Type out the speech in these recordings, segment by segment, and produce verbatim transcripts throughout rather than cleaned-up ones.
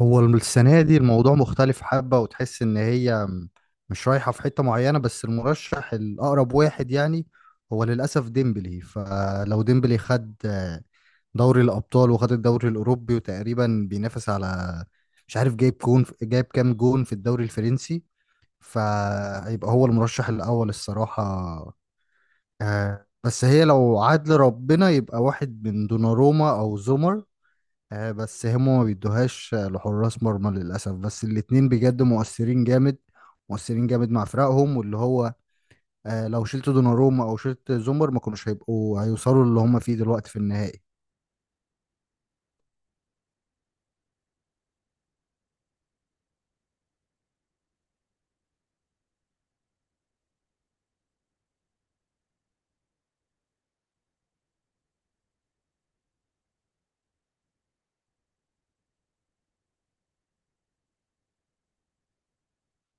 هو السنة دي الموضوع مختلف حبة وتحس إن هي م- مش رايحة في حتة معينة، بس المرشح الأقرب واحد يعني هو للأسف ديمبلي. فلو ديمبلي خد آه، دوري الأبطال وخد الدوري الأوروبي وتقريبا بينافس على مش عارف جايب جون جايب كام جون في الدوري الفرنسي، فهيبقى هو المرشح الأول الصراحة. آه، بس هي لو عدل ربنا يبقى واحد من دوناروما أو زومر. آه، بس هما ما بيدوهاش لحراس مرمى للأسف، بس الاتنين بجد مؤثرين جامد مؤثرين جامد مع فرقهم، واللي هو آه، لو شلت دوناروما أو شلت زومر ما كانوش هيبقوا هيوصلوا اللي هما فيه دلوقتي في النهائي.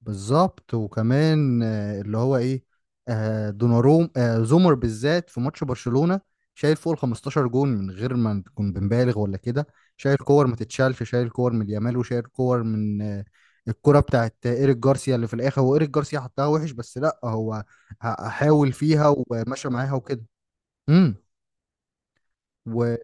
بالظبط، وكمان آه، اللي هو ايه آه، دوناروم آه، زومر بالذات في ماتش برشلونة شايل فوق ال 15 جون من غير ما نكون بنبالغ ولا كده. شايل كور ما تتشالش، شايل كور من يامال وشايل كور من آه، الكرة بتاعت ايريك جارسيا اللي في الاخر هو ايريك جارسيا حطها وحش، بس لا هو ح- حاول فيها ومشى معاها وكده. امم وهو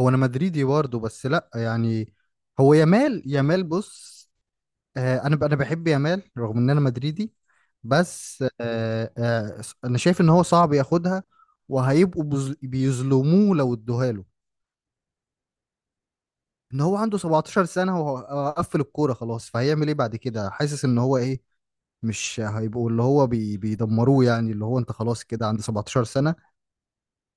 انا مدريدي برضه بس لا يعني، هو يامال يامال بص، آه، انا انا بحب يامال رغم ان انا مدريدي. بس آه، آه، انا شايف ان هو صعب ياخدها وهيبقوا بز- بيظلموه لو ادوها له. ان هو عنده 17 سنة وهو قفل الكورة خلاص، فهيعمل ايه بعد كده؟ حاسس ان هو ايه، مش هيبقوا اللي هو بي بيدمروه يعني، اللي هو انت خلاص كده عند 17 سنة.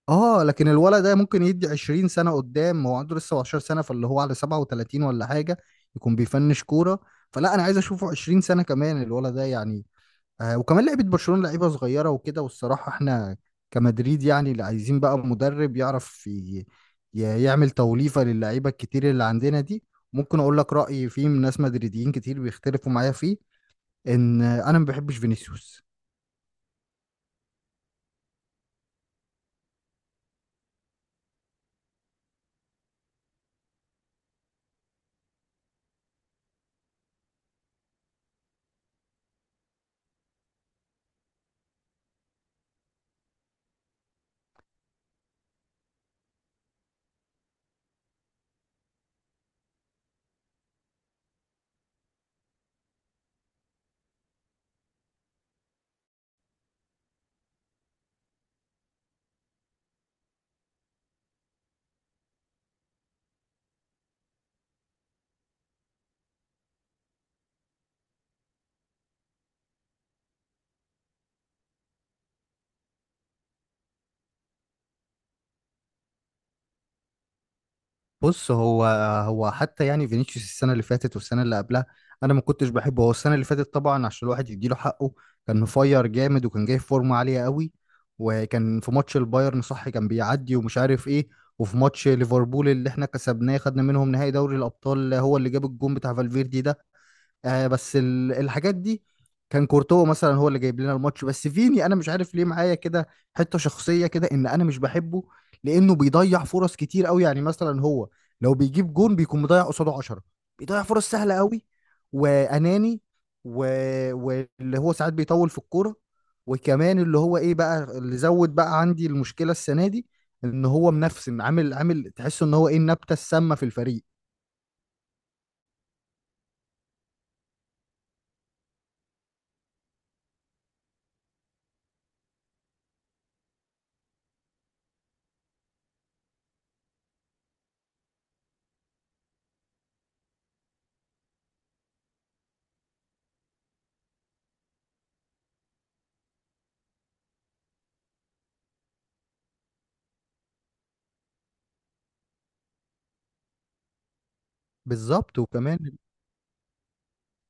اه، لكن الولد ده ممكن يدي 20 سنة قدام، هو عنده لسه 17 سنة فاللي هو على سبعة وتلاتين ولا حاجة يكون بيفنش كورة. فلا، انا عايز اشوفه 20 سنة كمان الولد ده يعني. آه، وكمان لعيبه برشلونه لعيبه صغيره وكده، والصراحه احنا كمدريد يعني اللي عايزين بقى مدرب يعرف ي- ي- يعمل توليفه للعيبه الكتير اللي عندنا دي. ممكن اقول لك رايي فيه، من ناس مدريديين كتير بيختلفوا معايا فيه، ان انا ما بحبش فينيسيوس. بص، هو هو حتى يعني فينيسيوس السنة اللي فاتت والسنة اللي قبلها أنا ما كنتش بحبه. هو السنة اللي فاتت طبعا، عشان الواحد يديله حقه، كان مفير جامد وكان جاي في فورمة عالية قوي، وكان في ماتش البايرن صح كان بيعدي ومش عارف إيه، وفي ماتش ليفربول اللي إحنا كسبناه خدنا منهم نهائي دوري الأبطال هو اللي جاب الجون بتاع فالفيردي ده. آه بس ال- الحاجات دي، كان كورتوا مثلا هو اللي جايب لنا الماتش. بس فيني انا مش عارف ليه معايا كده، حته شخصيه كده، ان انا مش بحبه. لانه بيضيع فرص كتير قوي، يعني مثلا هو لو بيجيب جون بيكون مضيع قصاده عشرة، بيضيع فرص سهله قوي، واناني، و... واللي هو ساعات بيطول في الكوره. وكمان اللي هو ايه بقى، اللي زود بقى عندي المشكله السنه دي، ان هو منفسن عامل عامل تحس ان هو ايه النبته السامه في الفريق. بالظبط، وكمان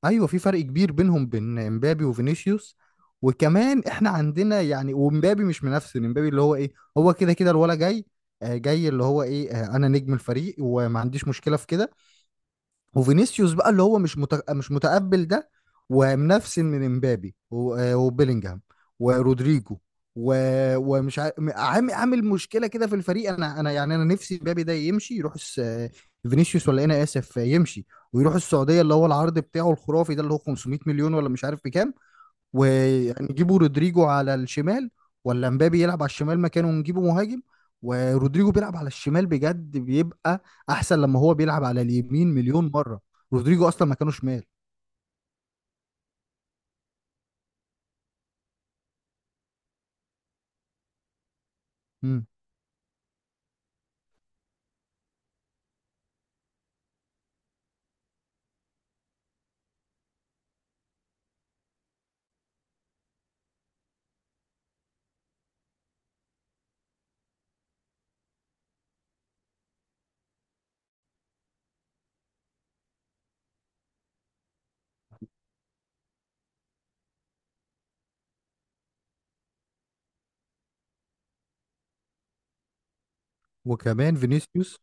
ايوه في فرق كبير بينهم بين امبابي وفينيسيوس. وكمان احنا عندنا يعني، ومبابي مش منافسين، امبابي اللي هو ايه هو كده كده الولا جاي، آه، جاي اللي هو ايه آه، انا نجم الفريق وما عنديش مشكله في كده. وفينيسيوس بقى اللي هو مش مت... مش متقبل ده، ومنفسن من امبابي و- آه، وبيلينجهام ورودريجو، و... ومش ع... عامل عامل مشكله كده في الفريق. انا انا يعني انا نفسي امبابي ده يمشي يروح الس... آه، فينيسيوس ولا إيه؟ انا اسف، آه، يمشي ويروح السعوديه اللي هو العرض بتاعه الخرافي ده اللي هو 500 مليون ولا مش عارف بكام، ويعني نجيبوا رودريجو على الشمال، ولا مبابي يلعب على الشمال مكانه ونجيبه مهاجم، ورودريجو بيلعب على الشمال بجد بيبقى احسن لما هو بيلعب على اليمين مليون مرة. رودريجو اصلا مكانه شمال. مم. وكمان فينيسيوس،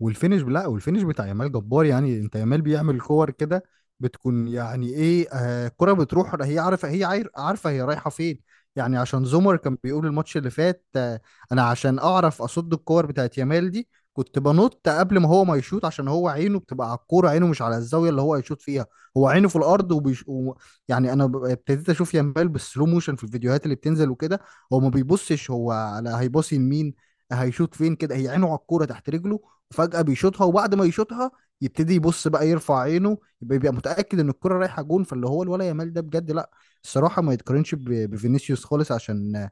والفينش لا والفينش بتاع يامال جبار يعني. انت يامال بيعمل كور كده بتكون يعني ايه، آه كرة بتروح هي عارفه هي عاير- عارفه هي رايحه فين. يعني عشان زومر كان بيقول الماتش اللي فات آه انا عشان اعرف اصد الكور بتاعت يامال دي كنت بنط قبل ما هو ما يشوط، عشان هو عينه بتبقى على الكوره، عينه مش على الزاويه اللي هو هيشوط فيها. هو عينه في الارض وبيش و... يعني انا ب- ابتديت اشوف يامال بالسلو موشن في الفيديوهات اللي بتنزل وكده. هو ما بيبصش هو على هيباصي لمين، هيشوط فين كده، هي عينه على الكوره تحت رجله، وفجأة بيشوطها، وبعد ما يشوطها يبتدي يبص بقى، يرفع عينه، يبقى بيبقى متأكد ان الكرة رايحة جون. فاللي هو الولا يامال ده بجد، لا، الصراحة ما يتقارنش ب- بفينيسيوس خالص، عشان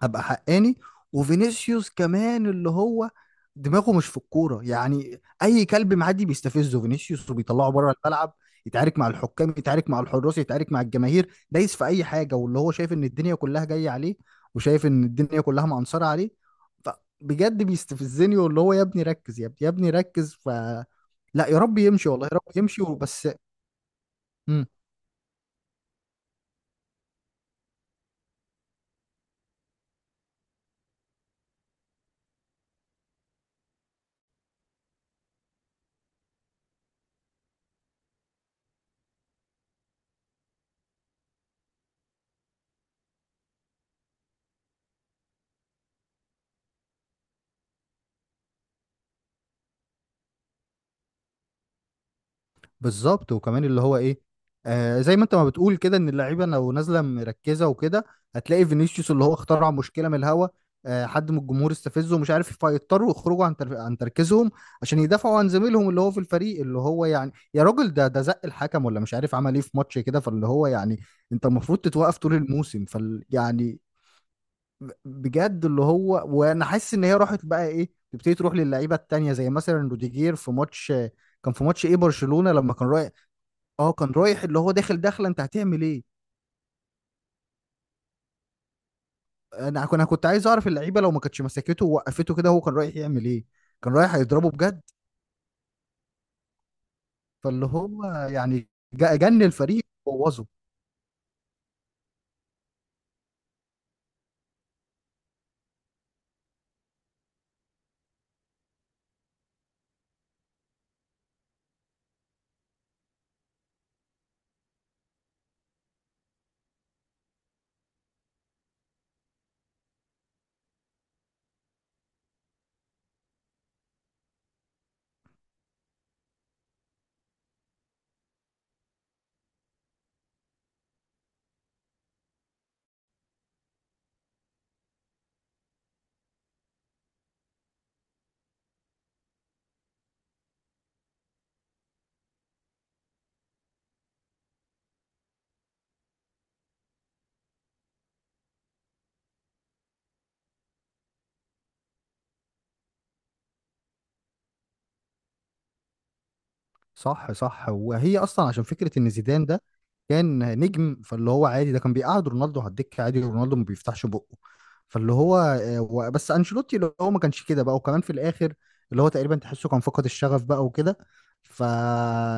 هبقى حقاني. وفينيسيوس كمان اللي هو دماغه مش في الكوره يعني، اي كلب معدي بيستفزه فينيسيوس وبيطلعه بره الملعب. يتعارك مع الحكام، يتعارك مع الحراس، يتعارك مع الجماهير، دايس في اي حاجه، واللي هو شايف ان الدنيا كلها جايه عليه، وشايف ان الدنيا كلها معنصره عليه. فبجد بيستفزني، واللي هو يا ابني ركز، يا ابني يا ابني ركز، ف لا يا رب يمشي، والله يا رب يمشي بس. بالظبط، وكمان اللي هو ايه، آه زي ما انت ما بتقول كده، ان اللعيبه لو نازله مركزه وكده هتلاقي فينيسيوس اللي هو اخترع مشكله من الهوا، آه حد من الجمهور استفزه ومش عارف، فيضطروا يخرجوا عن تر... عن تركيزهم عشان يدافعوا عن زميلهم اللي هو في الفريق، اللي هو يعني يا راجل ده ده زق الحكم ولا مش عارف عمل ايه في ماتش كده. فاللي هو يعني انت المفروض تتوقف طول الموسم، فال يعني بجد اللي هو، وانا حاسس ان هي راحت بقى ايه، تبتدي تروح للعيبه التانيه زي مثلا روديجير في ماتش. كان في ماتش ايه، برشلونه، لما كان رايح، اه كان رايح اللي هو داخل داخله، انت هتعمل ايه؟ انا كنت انا كنت عايز اعرف اللعيبه لو ما كانتش مسكته ووقفته كده هو كان رايح يعمل ايه، كان رايح هيضربه بجد. فاللي هو يعني ج- جن الفريق بوظه. صح صح، وهي اصلا عشان فكره ان زيدان ده كان نجم، فاللي هو عادي ده كان بيقعد رونالدو على الدكه عادي ورونالدو ما بيفتحش بقه. فاللي هو آه، و- بس انشيلوتي اللي هو ما كانش كده بقى، وكمان في الاخر اللي هو تقريبا تحسه كان فقد الشغف بقى وكده. ف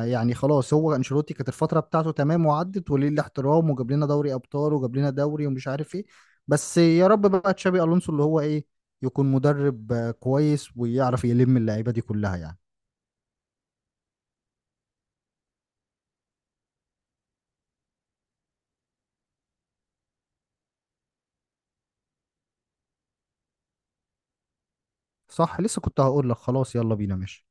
يعني خلاص، هو انشيلوتي كانت الفتره بتاعته تمام وعدت، وليه الاحترام، وجاب لنا دوري ابطال وجاب لنا دوري ومش عارف ايه. بس يا رب بقى تشابي الونسو اللي هو ايه يكون مدرب آه، كويس ويعرف يلم اللعيبه دي كلها يعني. صح، لسه كنت هقول لك خلاص يلا بينا. ماشي.